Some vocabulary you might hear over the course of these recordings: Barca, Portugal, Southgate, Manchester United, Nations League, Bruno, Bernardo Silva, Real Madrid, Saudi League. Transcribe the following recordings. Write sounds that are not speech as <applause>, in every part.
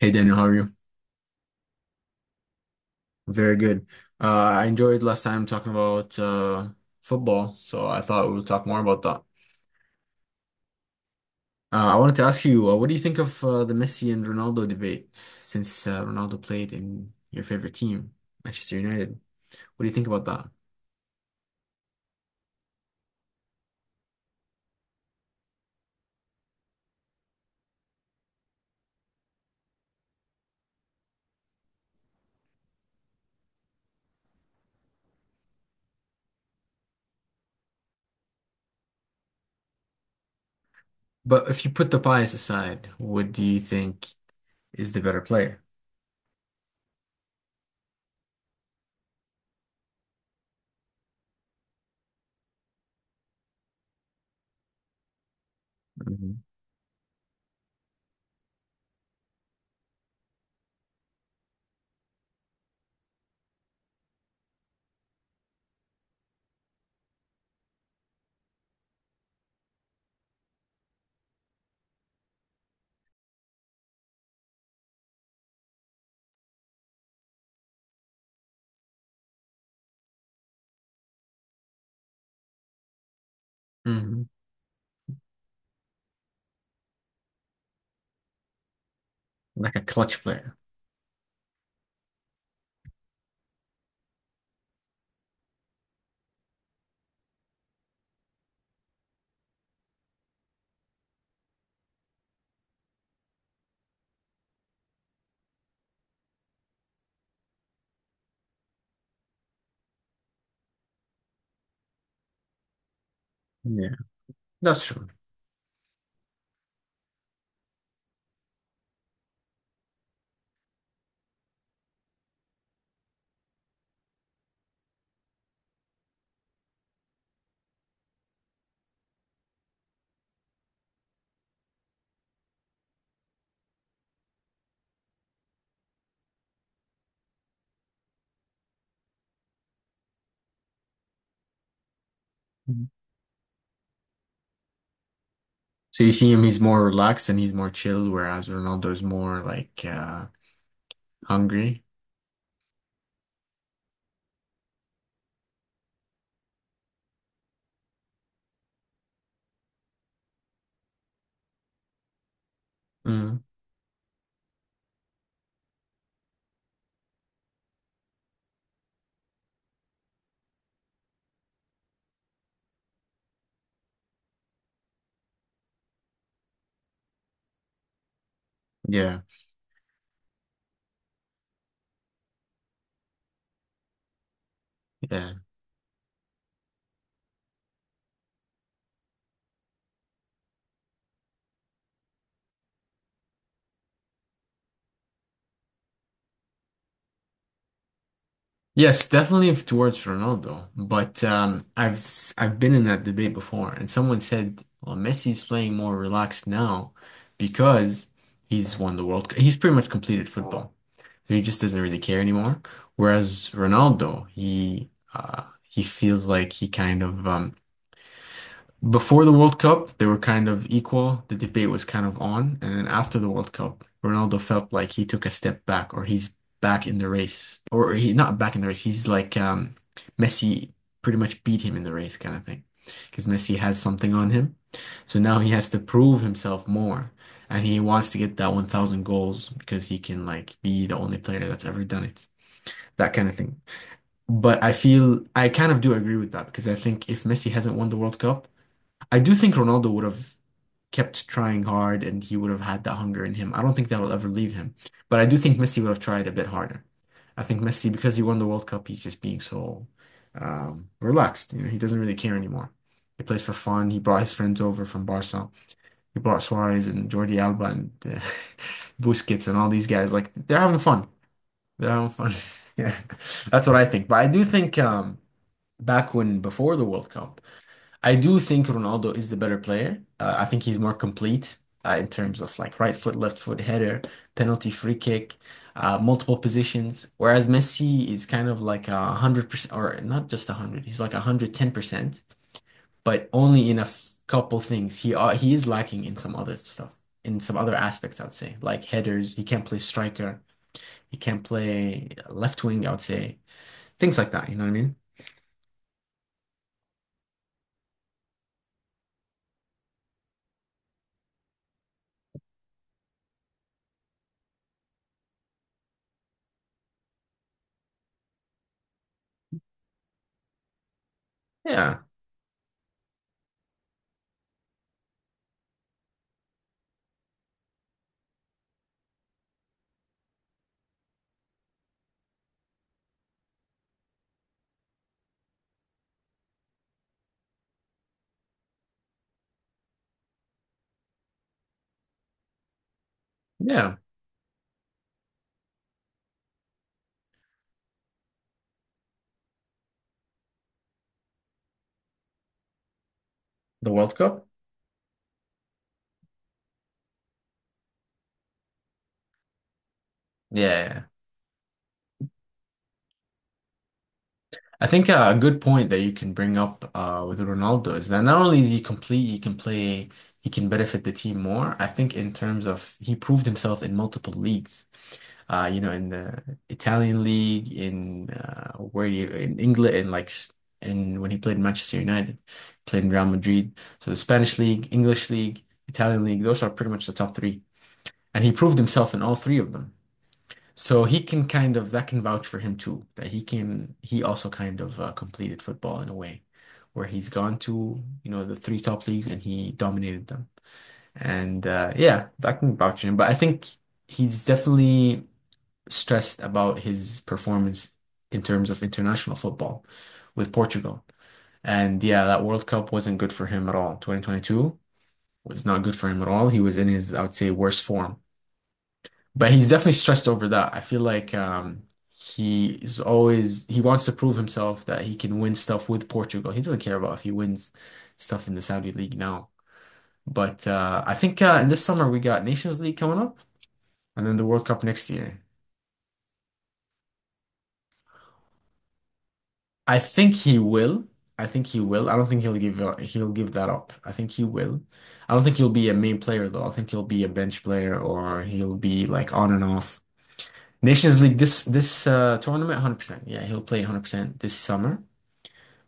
Hey Daniel, how are you? Very good. I enjoyed last time talking about football, so I thought we would talk more about that. I wanted to ask you, what do you think of the Messi and Ronaldo debate since Ronaldo played in your favorite team, Manchester United? What do you think about that? But if you put the bias aside, what do you think is the better player? Hmm. Hmm. Like a clutch player. Yeah, that's true. So you see him, he's more relaxed and he's more chill, whereas Ronaldo is more like hungry. Mm, yeah, yeah. Yes, definitely towards Ronaldo. But I've I've been in that debate before and someone said, well, Messi's playing more relaxed now because he's won the World Cup. He's pretty much completed football. So he just doesn't really care anymore. Whereas Ronaldo, he feels like he kind of before the World Cup, they were kind of equal. The debate was kind of on. And then after the World Cup, Ronaldo felt like he took a step back or he's back in the race. Or he not back in the race. He's like Messi pretty much beat him in the race kind of thing. Because Messi has something on him. So now he has to prove himself more. And he wants to get that 1,000 goals because he can like be the only player that's ever done it. That kind of thing. But I feel I kind of do agree with that because I think if Messi hasn't won the World Cup, I do think Ronaldo would have kept trying hard and he would have had that hunger in him. I don't think that will ever leave him. But I do think Messi would have tried a bit harder. I think Messi, because he won the World Cup, he's just being so relaxed. You know, he doesn't really care anymore. He plays for fun. He brought his friends over from Barca. He brought Suarez and Jordi Alba and <laughs> Busquets and all these guys. Like they're having fun. They're having fun. <laughs> Yeah, that's what I think. But I do think back when before the World Cup. I do think Ronaldo is the better player. I think he's more complete in terms of like right foot, left foot, header, penalty, free kick, multiple positions. Whereas Messi is kind of like 100%, or not just a hundred. He's like 110%, but only in a f couple things. He is lacking in some other stuff, in some other aspects. I would say like headers. He can't play striker. He can't play left wing. I would say things like that. You know what I mean? Yeah, yeah. The World Cup? Yeah. I think a good point that you can bring up with Ronaldo is that not only is he complete, he can play, he can benefit the team more. I think in terms of he proved himself in multiple leagues. You know, in the Italian league, in where you in England, in when he played in Manchester United, played in Real Madrid. So the Spanish league, English league, Italian league, those are pretty much the top three, and he proved himself in all three of them. So he can kind of that can vouch for him too, that he can he also kind of completed football in a way where he's gone to, you know, the three top leagues and he dominated them. And yeah, that can vouch for him. But I think he's definitely stressed about his performance in terms of international football with Portugal. And yeah, that World Cup wasn't good for him at all. 2022 was not good for him at all. He was in his, I would say, worst form but he's definitely stressed over that. I feel like he is always he wants to prove himself that he can win stuff with Portugal. He doesn't care about if he wins stuff in the Saudi League now. But I think in this summer we got Nations League coming up, and then the World Cup next year. I think he will. I think he will. I don't think he'll give that up. I think he will. I don't think he'll be a main player though. I think he'll be a bench player or he'll be like on and off. Nations League this tournament, 100%. Yeah, he'll play 100% this summer.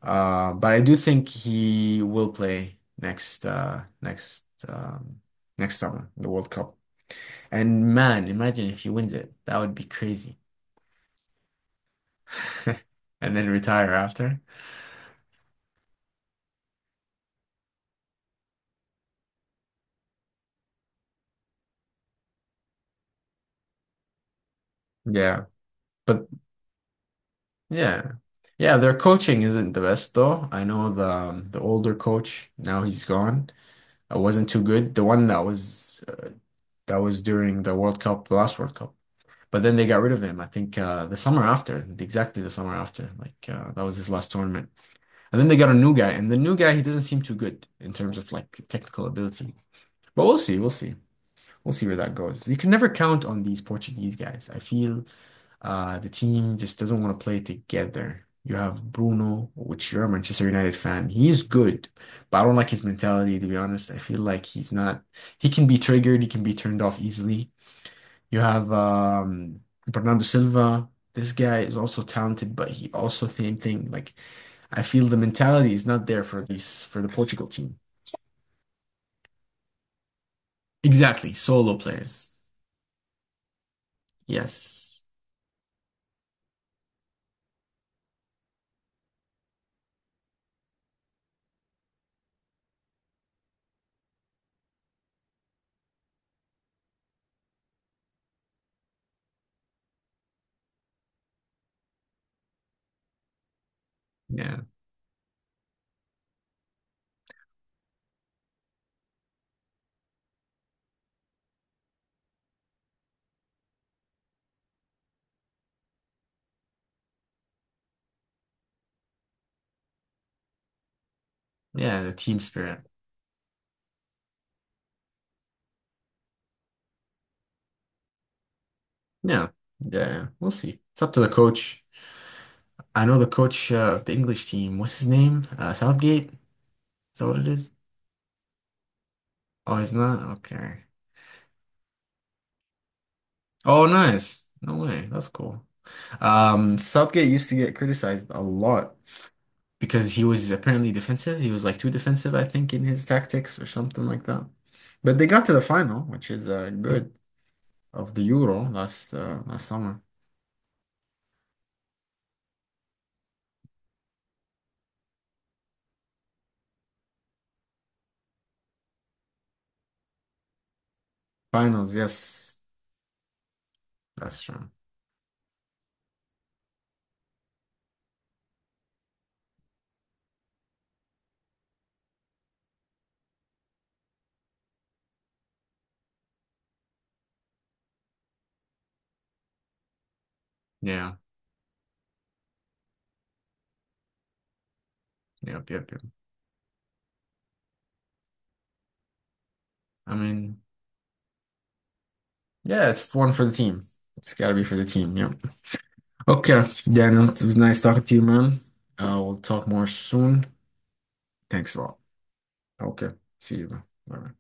But I do think he will play next summer, the World Cup. And man, imagine if he wins it. That would be crazy. <laughs> And then retire after. Yeah. But yeah. Yeah, their coaching isn't the best though. I know the older coach, now he's gone. It wasn't too good. The one that was during the World Cup, the last World Cup. But then they got rid of him, I think the summer after, exactly the summer after. Like, that was his last tournament. And then they got a new guy, and the new guy, he doesn't seem too good in terms of like technical ability. But we'll see, we'll see. We'll see where that goes. You can never count on these Portuguese guys. I feel the team just doesn't want to play together. You have Bruno, which you're a Manchester United fan. He's good, but I don't like his mentality, to be honest. I feel like he's not, he can be triggered, he can be turned off easily. You have Bernardo Silva. This guy is also talented, but he also same thing. Like I feel the mentality is not there for the Portugal team. Exactly, solo players. Yes. Yeah. Yeah, the team spirit. Yeah. Yeah, yeah. We'll see. It's up to the coach. I know the coach of the English team. What's his name? Southgate? Is that what it is? Oh, he's not? Okay. Oh, nice. No way. That's cool. Southgate used to get criticized a lot because he was apparently defensive. He was like too defensive, I think, in his tactics or something like that. But they got to the final, which is good of the Euro last summer. Finals, yes, that's true. Yeah, yep, yep, yep. I mean, yeah, it's one for the team. It's got to be for the team. Yep. Okay, Daniel, it was nice talking to you, man. We'll talk more soon. Thanks a lot. Okay, see you, man. Bye.